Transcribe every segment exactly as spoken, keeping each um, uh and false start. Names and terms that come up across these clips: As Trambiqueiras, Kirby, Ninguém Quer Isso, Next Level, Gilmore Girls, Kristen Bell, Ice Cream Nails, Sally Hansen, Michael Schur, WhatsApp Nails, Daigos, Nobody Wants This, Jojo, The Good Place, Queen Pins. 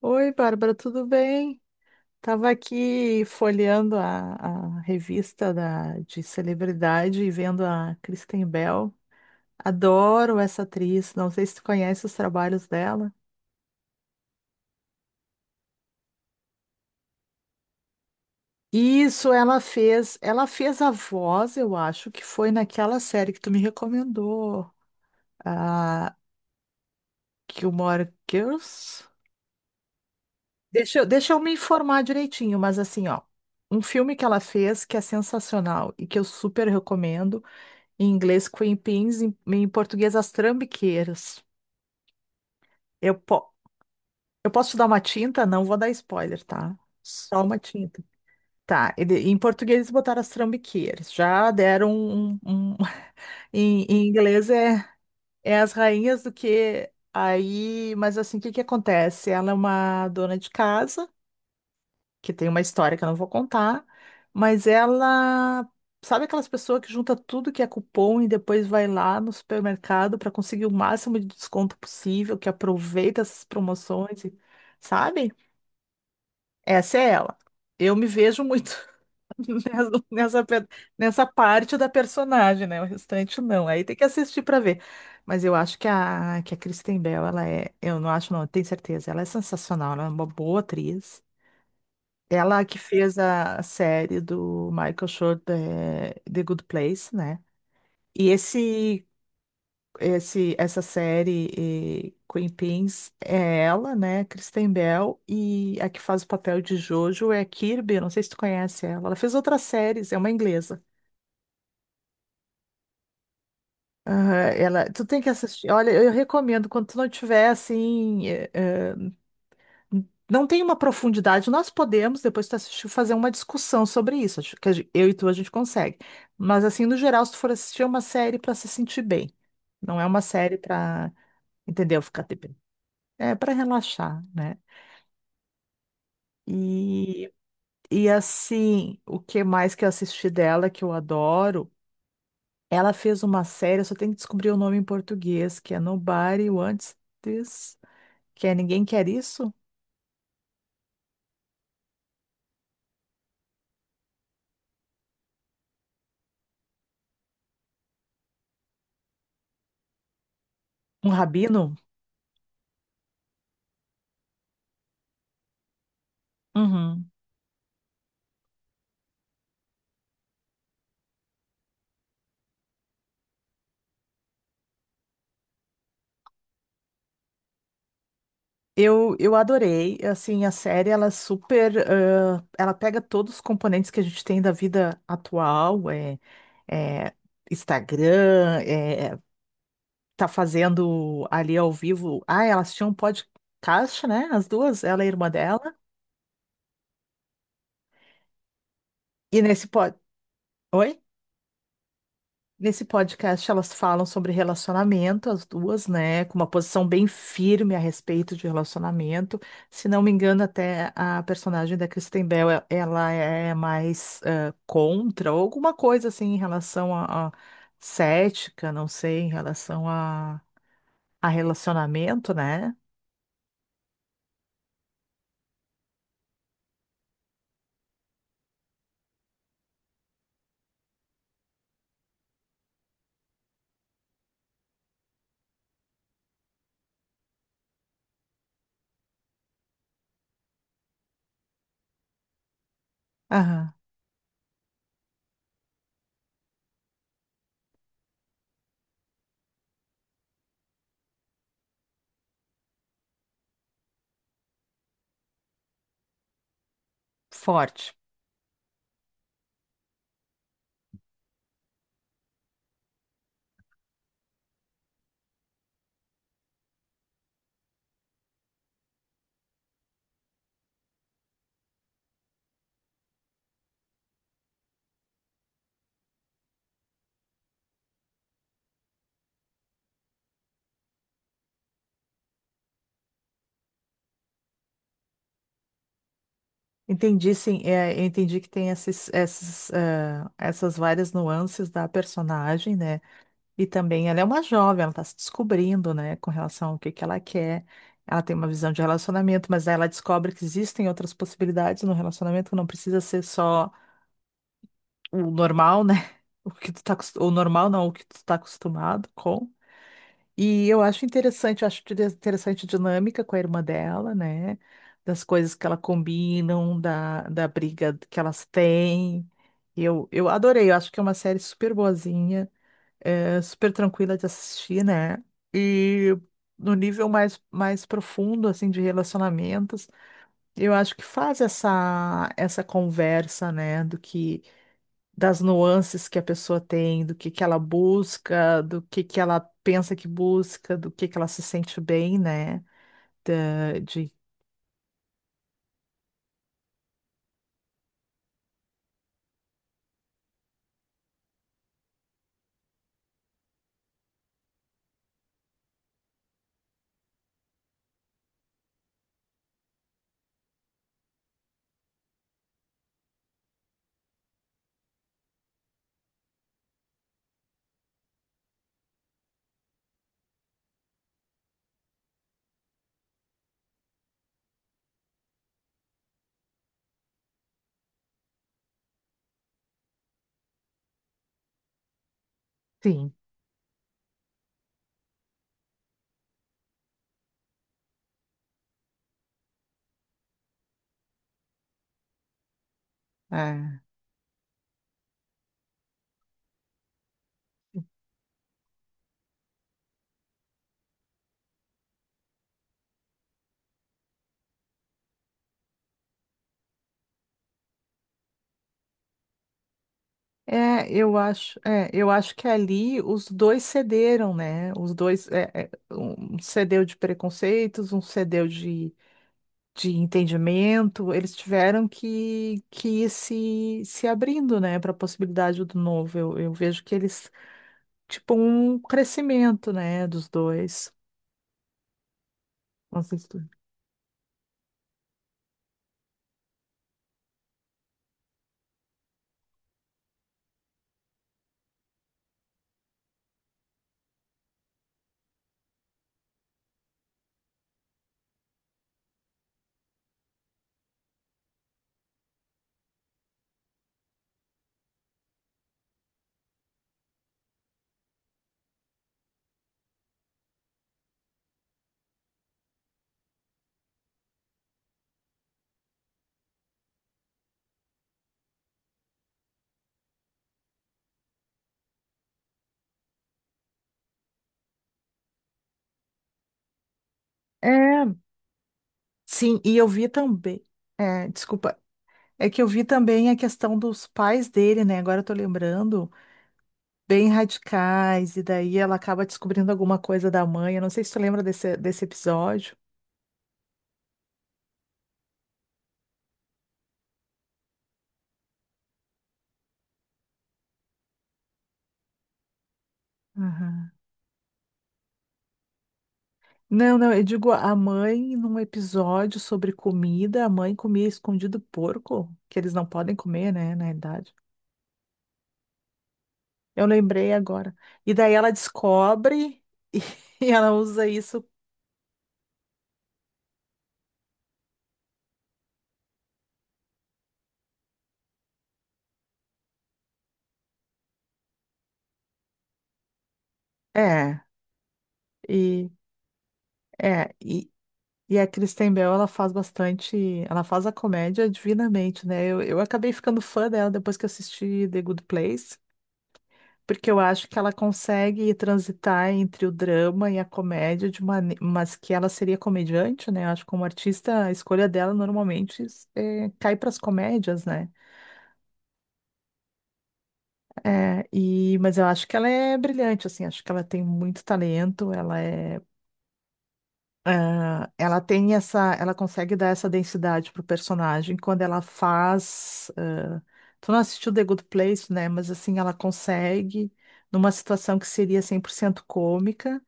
Oi, Bárbara, tudo bem? Tava aqui folheando a, a revista da, de celebridade e vendo a Kristen Bell. Adoro essa atriz, não sei se tu conhece os trabalhos dela. Isso, ela fez, ela fez a voz, eu acho, que foi naquela série que tu me recomendou, a Gilmore Girls. Deixa eu, deixa eu me informar direitinho, mas assim, ó, um filme que ela fez que é sensacional e que eu super recomendo. Em inglês, Queen Pins, em, em português, As Trambiqueiras. Eu, po- eu posso te dar uma tinta? Não vou dar spoiler, tá? Só uma tinta. Tá, ele- em português eles botaram As Trambiqueiras. Já deram um... um- Em, em inglês é, é As Rainhas do que... Aí, mas assim, o que que acontece? Ela é uma dona de casa, que tem uma história que eu não vou contar, mas ela. Sabe aquelas pessoas que junta tudo que é cupom e depois vai lá no supermercado para conseguir o máximo de desconto possível, que aproveita essas promoções, e- sabe? Essa é ela. Eu me vejo muito nessa, nessa pe- nessa parte da personagem, né? O restante não. Aí tem que assistir para ver. Mas eu acho que a, que a Kristen Bell, ela é. Eu não acho, não, eu tenho certeza. Ela é sensacional, ela é uma boa atriz. Ela que fez a série do Michael Schur, The The Good Place, né? E esse, esse, essa série, eh, Queen Pins, é ela, né? Kristen Bell, e a que faz o papel de Jojo é a Kirby, não sei se tu conhece ela. Ela fez outras séries, é uma inglesa. Aham, ela, tu tem que assistir. Olha, eu recomendo, quando tu não tiver, assim, é, é, não tem uma profundidade. Nós podemos, depois que tu assistir, fazer uma discussão sobre isso. Acho que a gen- eu e tu a gente consegue. Mas, assim, no geral, se tu for assistir, é uma série para se sentir bem. Não é uma série para, entendeu? Ficar de bem. É para relaxar, né? E, e, assim, o que mais que eu assisti dela, que eu adoro, ela fez uma série, eu só tenho que descobrir o nome em português, que é Nobody Wants This, que é Ninguém Quer Isso? Um Rabino? Uhum. Eu, eu adorei, assim, a série, ela é super, ãh, ela pega todos os componentes que a gente tem da vida atual, é, é Instagram, é, tá fazendo ali ao vivo, ah, elas tinham um podcast, né, as duas, ela e a irmã dela, e nesse pod... Oi? Nesse podcast, elas falam sobre relacionamento, as duas, né? Com uma posição bem firme a respeito de relacionamento. Se não me engano, até a personagem da Kristen Bell, e- ela é mais eh, contra, ou alguma coisa assim em relação a, a cética, não sei, em relação a, a relacionamento, né? Aham, forte. Entendi, sim, é, eu entendi que tem esses, esses, eh, essas várias nuances da personagem, né? E também ela é uma jovem, ela está se descobrindo, né, com relação ao que que ela quer. Ela tem uma visão de relacionamento, mas aí ela descobre que existem outras possibilidades no relacionamento, que não precisa ser só o normal, né? O que tu tá, acos- o normal não, o que tu tá acostumado com. E eu acho interessante, eu acho dire- interessante a dinâmica com a irmã dela, né? Das coisas que ela combinam, da, da briga que elas têm. Eu, eu adorei, eu acho que é uma série super boazinha é super tranquila de assistir, né? E no nível mais, mais profundo, assim, de relacionamentos, eu acho que faz essa, essa conversa, né? Do que, das nuances que a pessoa tem, do que que ela busca, do que que ela pensa que busca, do que que ela se sente bem, né? Da- De, sim. É. É, eu acho, é, eu acho que ali os dois cederam, né? Os dois, é, é, um cedeu de preconceitos, um cedeu de de entendimento, eles tiveram que, que ir se, se abrindo, né, para a possibilidade do novo. Eu, eu vejo que eles, tipo, um crescimento, né, dos dois. Vocês tu- É, sim, e eu vi também. É, desculpa. É que eu vi também a questão dos pais dele, né? Agora eu tô lembrando, bem radicais, e daí ela acaba descobrindo alguma coisa da mãe. Eu não sei se tu lembra desse, desse episódio. Aham. Não, não, eu digo a mãe num episódio sobre comida, a mãe comia escondido porco, que eles não podem comer, né, na verdade. Eu lembrei agora. E daí ela descobre e, e ela usa isso. É, e é, e, e a Kristen Bell, ela faz bastante, ela faz a comédia divinamente, né? Eu, eu acabei ficando fã dela depois que assisti The Good Place. Porque eu acho que ela consegue transitar entre o drama e a comédia de uma, mas que ela seria comediante, né? Eu acho que como artista a escolha dela normalmente é, cai para as comédias, né? É, e mas eu acho que ela é brilhante, assim, acho que ela tem muito talento, ela é, ah, ela tem essa, ela consegue dar essa densidade pro personagem quando ela faz. Ah, tu não assistiu The Good Place, né? Mas assim ela consegue numa situação que seria cem por cento cômica.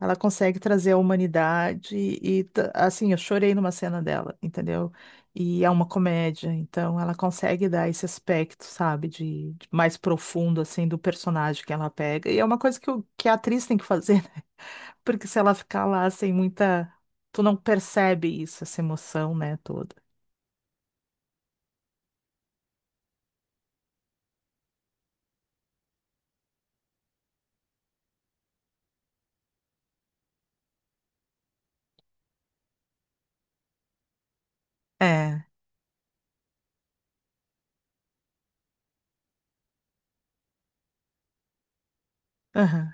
Ela consegue trazer a humanidade e, t- assim, eu chorei numa cena dela, entendeu? E é uma comédia, então ela consegue dar esse aspecto, sabe, de, de mais profundo, assim, do personagem que ela pega. E é uma coisa que, o, que a atriz tem que fazer, né? Porque se ela ficar lá sem muita. Tu não percebe isso, essa emoção, né, toda. É, aham,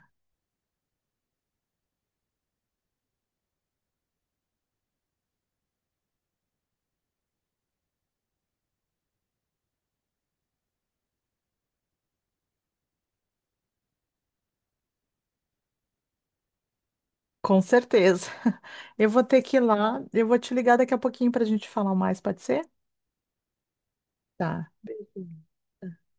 com certeza. Eu vou ter que ir lá, eu vou te ligar daqui a pouquinho pra gente falar mais, pode ser? Tá. Beijinho.